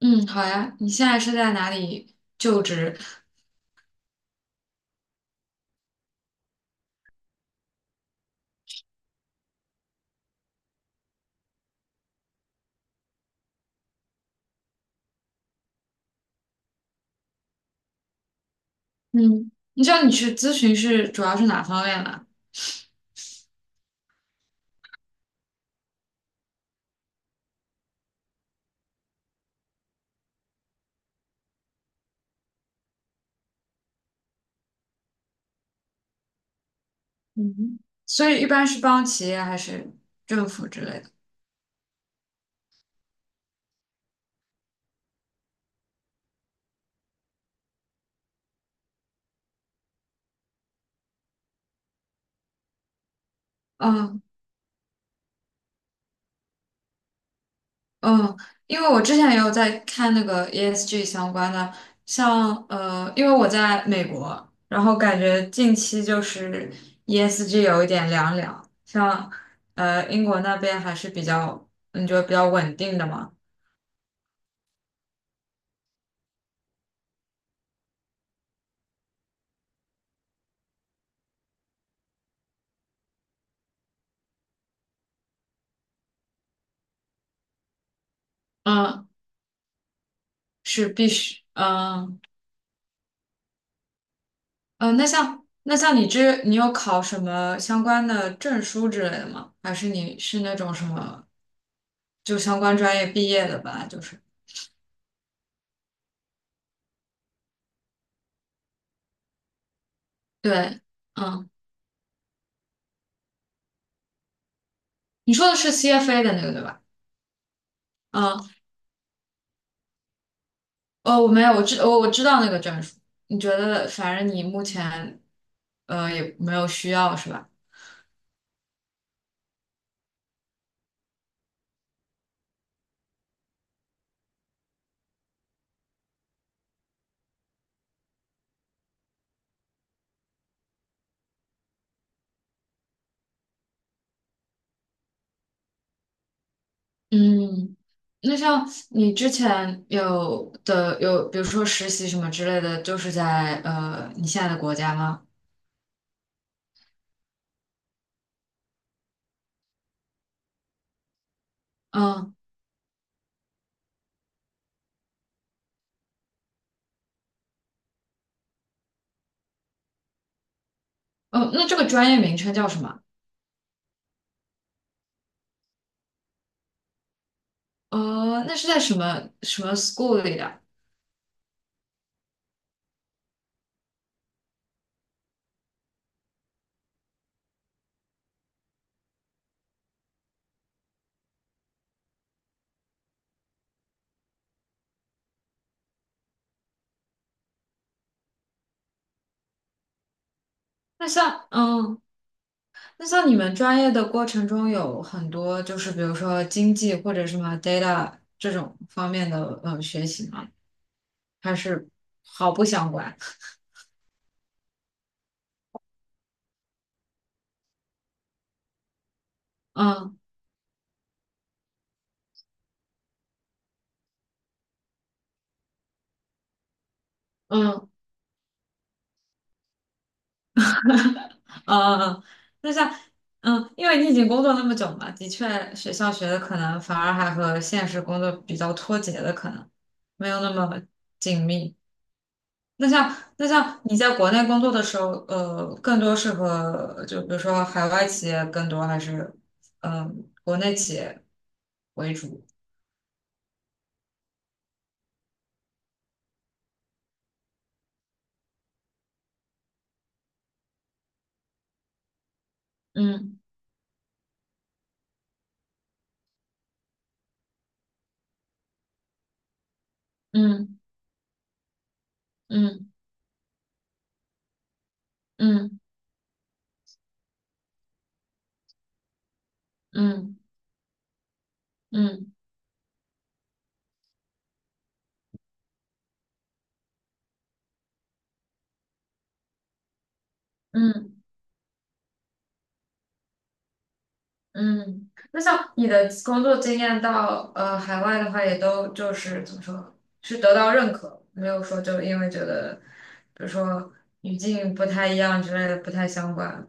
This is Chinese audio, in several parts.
嗯，好呀。你现在是在哪里就职？嗯，你知道你去咨询是主要是哪方面吗？嗯，所以一般是帮企业还是政府之类的？嗯嗯。因为我之前也有在看那个 ESG 相关的，因为我在美国，然后感觉近期就是 ESG 有一点凉凉，英国那边还是比较，你觉得比较稳定的嘛？嗯，是必须，嗯。呃，那像那像你这，你有考什么相关的证书之类的吗？还是你是那种什么就相关专业毕业的吧？就是对。嗯，你说的是 CFA 的那个对吧？嗯。哦，我没有，我知道那个证书。你觉得反正你目前也没有需要是吧？嗯，那像你之前有的有，比如说实习什么之类的，就是在你现在的国家吗？嗯。哦，那这个专业名称叫什么？哦，那是在什么什么 school 里的？那像嗯，那像你们专业的过程中有很多就是比如说经济或者什么 data 这种方面的学习吗？还是毫不相关？嗯。嗯嗯嗯，嗯那像嗯，因为你已经工作那么久嘛，的确学校学的可能反而还和现实工作比较脱节的，可能没有那么紧密。那像你在国内工作的时候，呃，更多是和就比如说海外企业更多，还是嗯、呃国内企业为主？嗯。嗯嗯嗯嗯嗯嗯嗯。那像你的工作经验到海外的话，也都就是怎么说，是得到认可，没有说就因为觉得，比如说语境不太一样之类的，不太相关。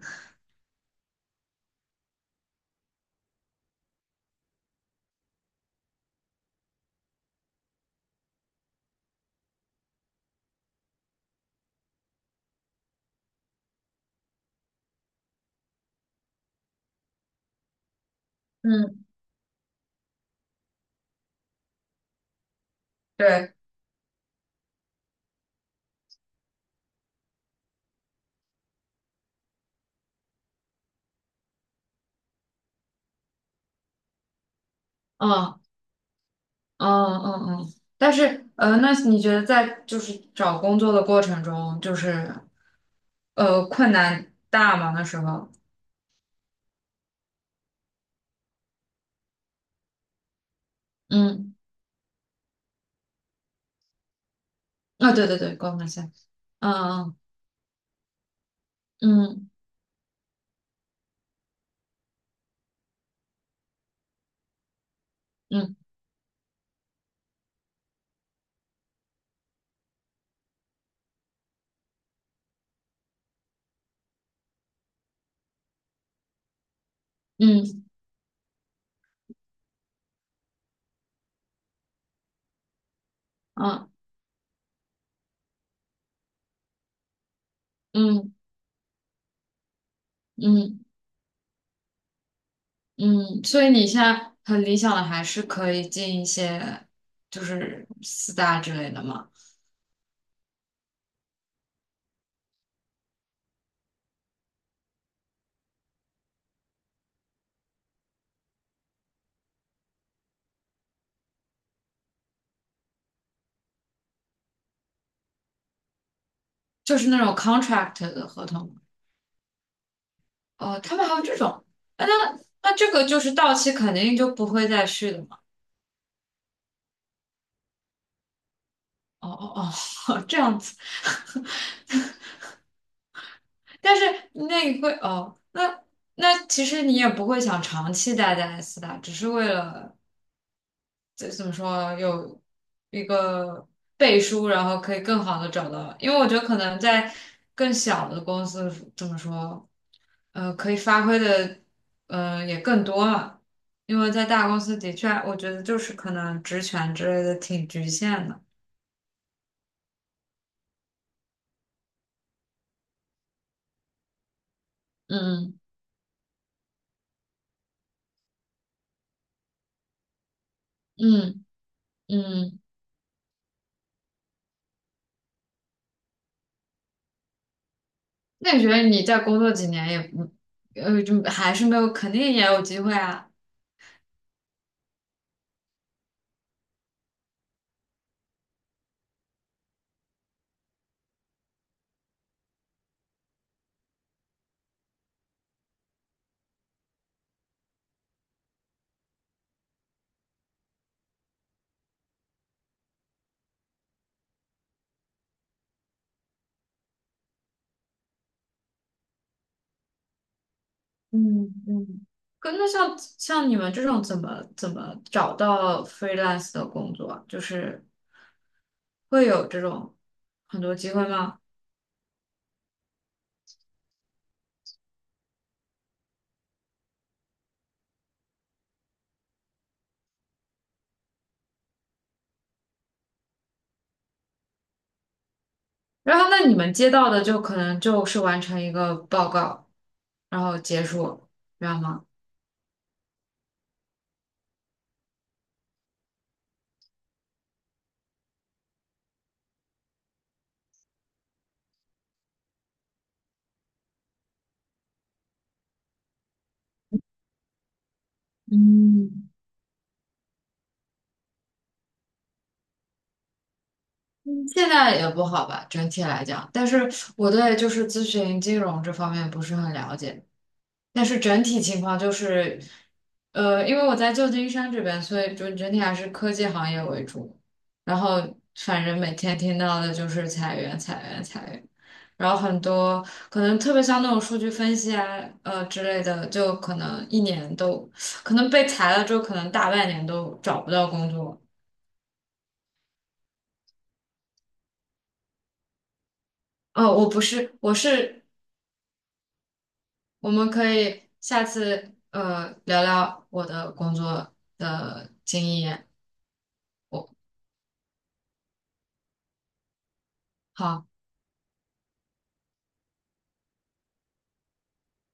嗯，对，嗯。嗯。嗯嗯，但是呃，那你觉得在就是找工作的过程中，就是困难大吗？那时候，嗯。对对对，高分线。嗯嗯嗯嗯嗯嗯嗯嗯。嗯，所以你现在很理想的还是可以进一些就是四大之类的嘛。就是那种 contract 的合同。哦、他们还有这种。那那这个就是到期肯定就不会再续的嘛。哦哦哦，这样子。但是那你会哦，那那其实你也不会想长期待在斯大，只是为了就怎么说有一个背书，然后可以更好的找到。因为我觉得可能在更小的公司怎么说，呃，可以发挥的也更多嘛。因为在大公司的确，我觉得就是可能职权之类的挺局限的。嗯。嗯嗯。那你觉得你再工作几年也不，呃，就还是没有，肯定也有机会啊。嗯嗯。可那像像你们这种怎么怎么找到 freelance 的工作啊就是会有这种很多机会吗？然后那你们接到的就可能就是完成一个报告，然后结束，这样吗？嗯嗯，现在也不好吧，整体来讲。但是我对就是咨询金融这方面不是很了解。但是整体情况就是，呃，因为我在旧金山这边，所以就整体还是科技行业为主。然后反正每天听到的就是裁员、裁员、裁员。然后很多可能特别像那种数据分析啊，之类的，就可能一年都，可能被裁了之后，可能大半年都找不到工作。哦，我不是，我是，我们可以下次聊聊我的工作的经验。我好。